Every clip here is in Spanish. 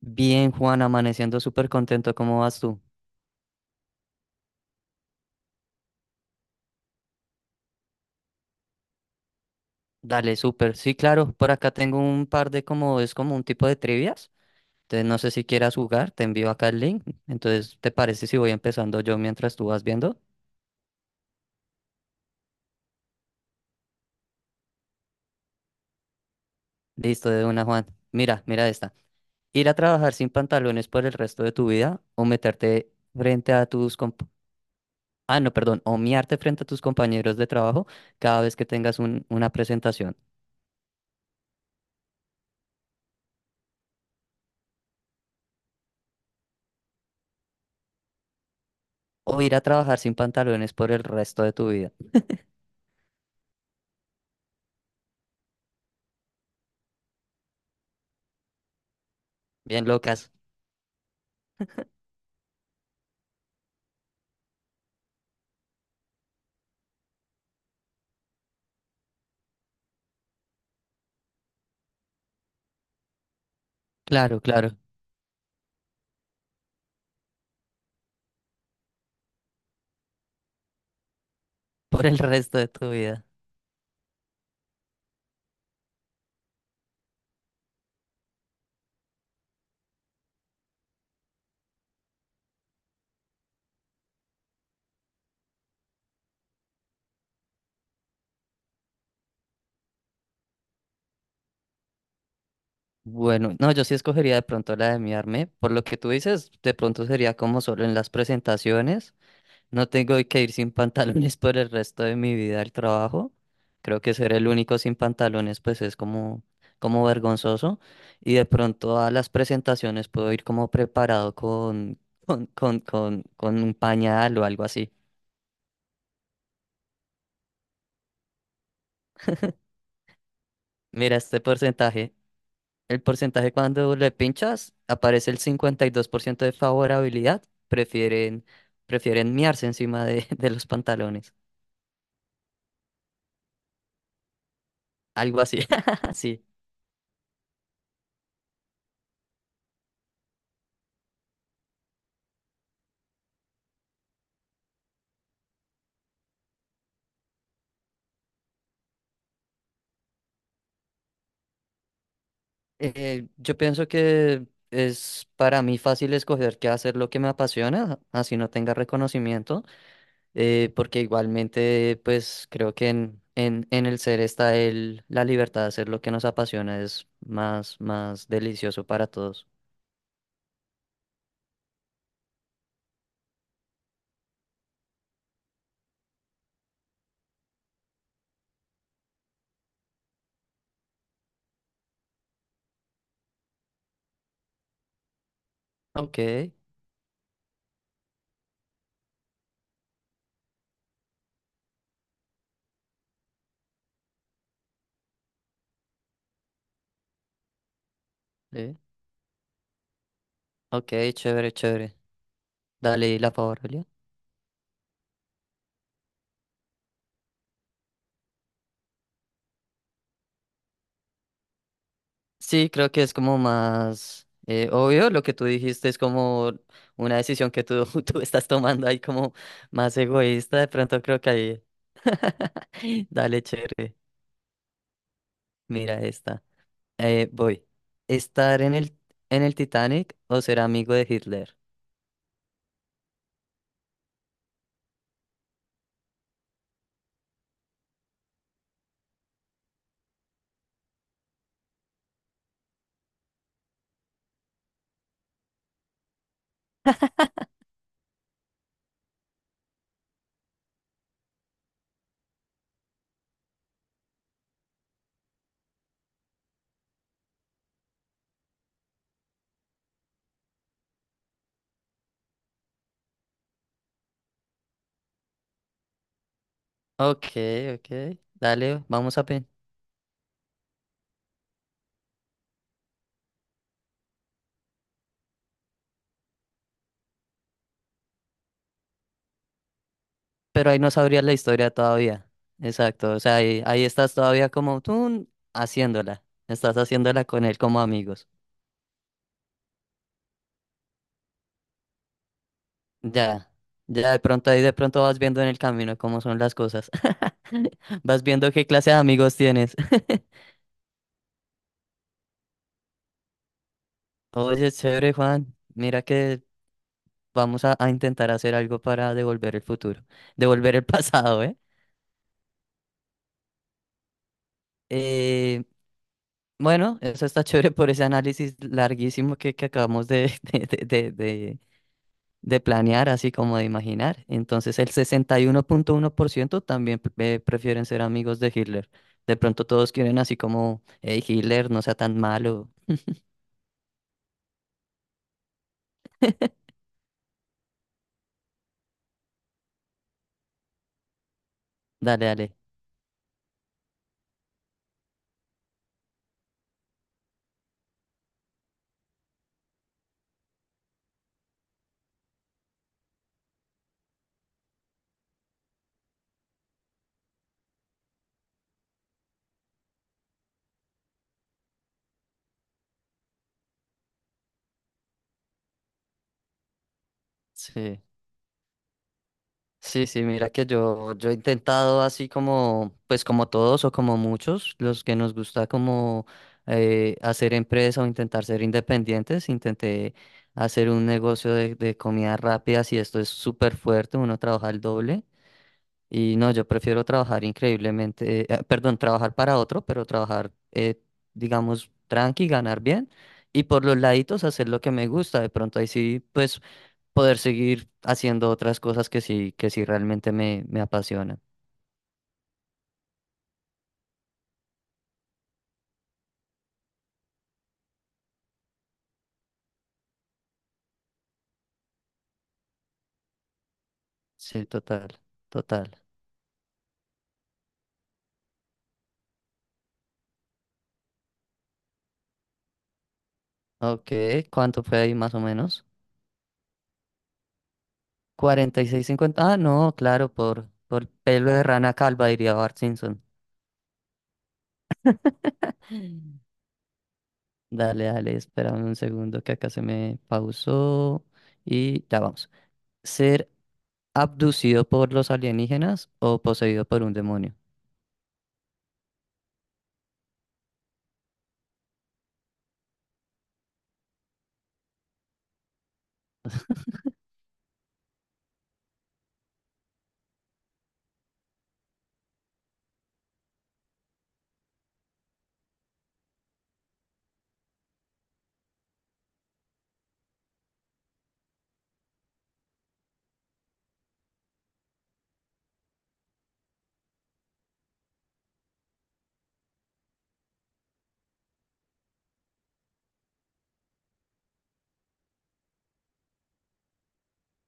Bien, Juan, amaneciendo súper contento, ¿cómo vas tú? Dale, súper. Sí, claro, por acá tengo un par de como, es como un tipo de trivias. Entonces no sé si quieras jugar, te envío acá el link. Entonces, ¿te parece si voy empezando yo mientras tú vas viendo? Listo, de una, Juan. Mira esta. Ir a trabajar sin pantalones por el resto de tu vida o meterte frente a tus comp- Ah, no, perdón, o miarte frente a tus compañeros de trabajo cada vez que tengas una presentación. O ir a trabajar sin pantalones por el resto de tu vida. Bien, locas. Claro, claro, por el resto de tu vida. Bueno, no, yo sí escogería de pronto la de miarme. Por lo que tú dices, de pronto sería como solo en las presentaciones. No tengo que ir sin pantalones por el resto de mi vida al trabajo. Creo que ser el único sin pantalones, pues es como, como vergonzoso. Y de pronto a las presentaciones puedo ir como preparado con un pañal o algo así. Mira este porcentaje. El porcentaje cuando le pinchas aparece el 52% de favorabilidad. Prefieren, prefieren miarse encima de, de los pantalones. Algo así. Sí. Yo pienso que es para mí fácil escoger qué hacer lo que me apasiona, así no tenga reconocimiento, porque igualmente pues creo que en el ser está el, la libertad de hacer lo que nos apasiona, es más, más delicioso para todos. Ok, ok, chévere, chévere. Dale la favorabilidad. Sí, creo que es como más obvio lo que tú dijiste, es como una decisión que tú, tú estás tomando ahí como más egoísta, de pronto creo que ahí... Dale, chévere. Mira esta. Voy. ¿Estar en en el Titanic o ser amigo de Hitler? Ok, ok. Dale, vamos a pen. Pero ahí no sabrías la historia todavía. Exacto. O sea, ahí estás todavía como tú haciéndola. Estás haciéndola con él como amigos. Ya, ya de pronto ahí de pronto vas viendo en el camino cómo son las cosas. Vas viendo qué clase de amigos tienes. Oye, chévere, Juan. Mira que vamos a intentar hacer algo para devolver el futuro, devolver el pasado, ¿eh? Eh, bueno, eso está chévere por ese análisis larguísimo que acabamos de, de, de, de- de planear, así como de imaginar. Entonces, el 61.1% también prefieren ser amigos de Hitler. De pronto todos quieren así como, hey, Hitler, no sea tan malo, dale, dale. Sí, sí, sí, mira que yo he intentado así como, pues como todos o como muchos, los que nos gusta como hacer empresa o intentar ser independientes, intenté hacer un negocio de comidas rápidas y esto es súper fuerte, uno trabaja el doble. Y no, yo prefiero trabajar increíblemente, perdón, trabajar para otro, pero trabajar, digamos, tranqui, ganar bien y por los laditos hacer lo que me gusta. De pronto ahí sí, pues poder seguir haciendo otras cosas que sí realmente me apasionan. Sí, total, total. Ok, ¿cuánto fue ahí más o menos? 46-50. Ah, no, claro, por pelo de rana calva, diría Bart Simpson. Dale, dale, espérame un segundo que acá se me pausó y ya vamos. ¿Ser abducido por los alienígenas o poseído por un demonio?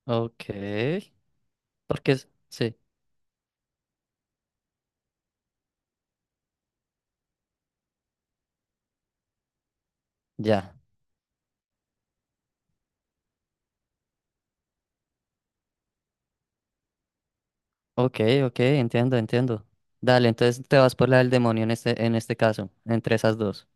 Ok, porque es- sí, ya. Ok, ok, entiendo, entiendo. Dale, entonces te vas por la del demonio en en este caso, entre esas dos.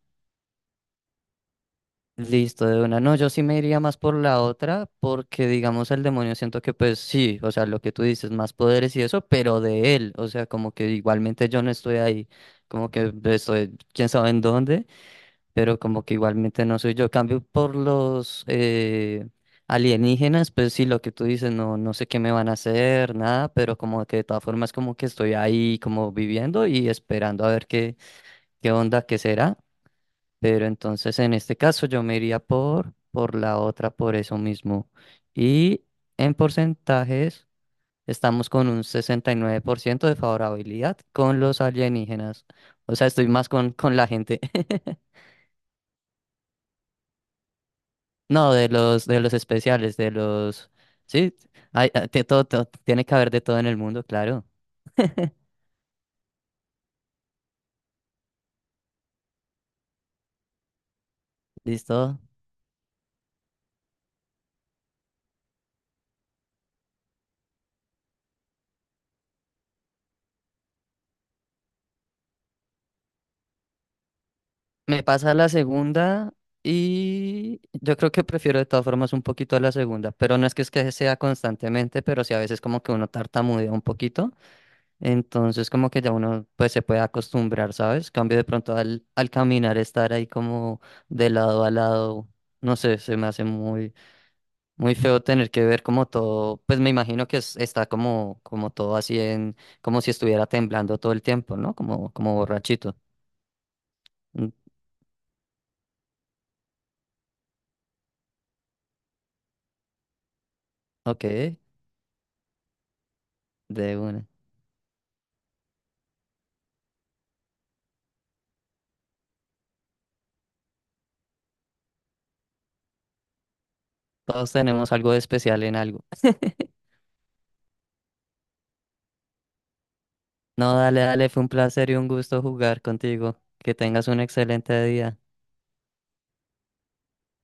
Listo, de una. No, yo sí me iría más por la otra, porque digamos el demonio siento que pues sí, o sea, lo que tú dices, más poderes y eso, pero de él, o sea, como que igualmente yo no estoy ahí, como que estoy, quién sabe en dónde. Pero como que igualmente no soy yo. Cambio por los alienígenas, pues sí, lo que tú dices, no, no sé qué me van a hacer, nada, pero como que de todas formas como que estoy ahí como viviendo y esperando a ver qué, qué onda, qué será. Pero entonces en este caso yo me iría por la otra, por eso mismo. Y en porcentajes estamos con un 69% de favorabilidad con los alienígenas. O sea, estoy más con la gente. No, de los especiales, de los... Sí, hay, ah, te- todo, todo- tiene que haber de todo en el mundo, claro. Listo. Me pasa la segunda y yo creo que prefiero de todas formas un poquito a la segunda, pero no es que es que sea constantemente, pero sí a veces como que uno tartamudea un poquito, entonces como que ya uno pues se puede acostumbrar, ¿sabes? Cambio de pronto al caminar, estar ahí como de lado a lado, no sé, se me hace muy... Muy feo tener que ver como todo, pues me imagino que es- está como, como todo así en, como si estuviera temblando todo el tiempo, ¿no? Como, como borrachito. Mm, ok, de una. Todos tenemos algo de especial en algo. No, dale, dale, fue un placer y un gusto jugar contigo. Que tengas un excelente día.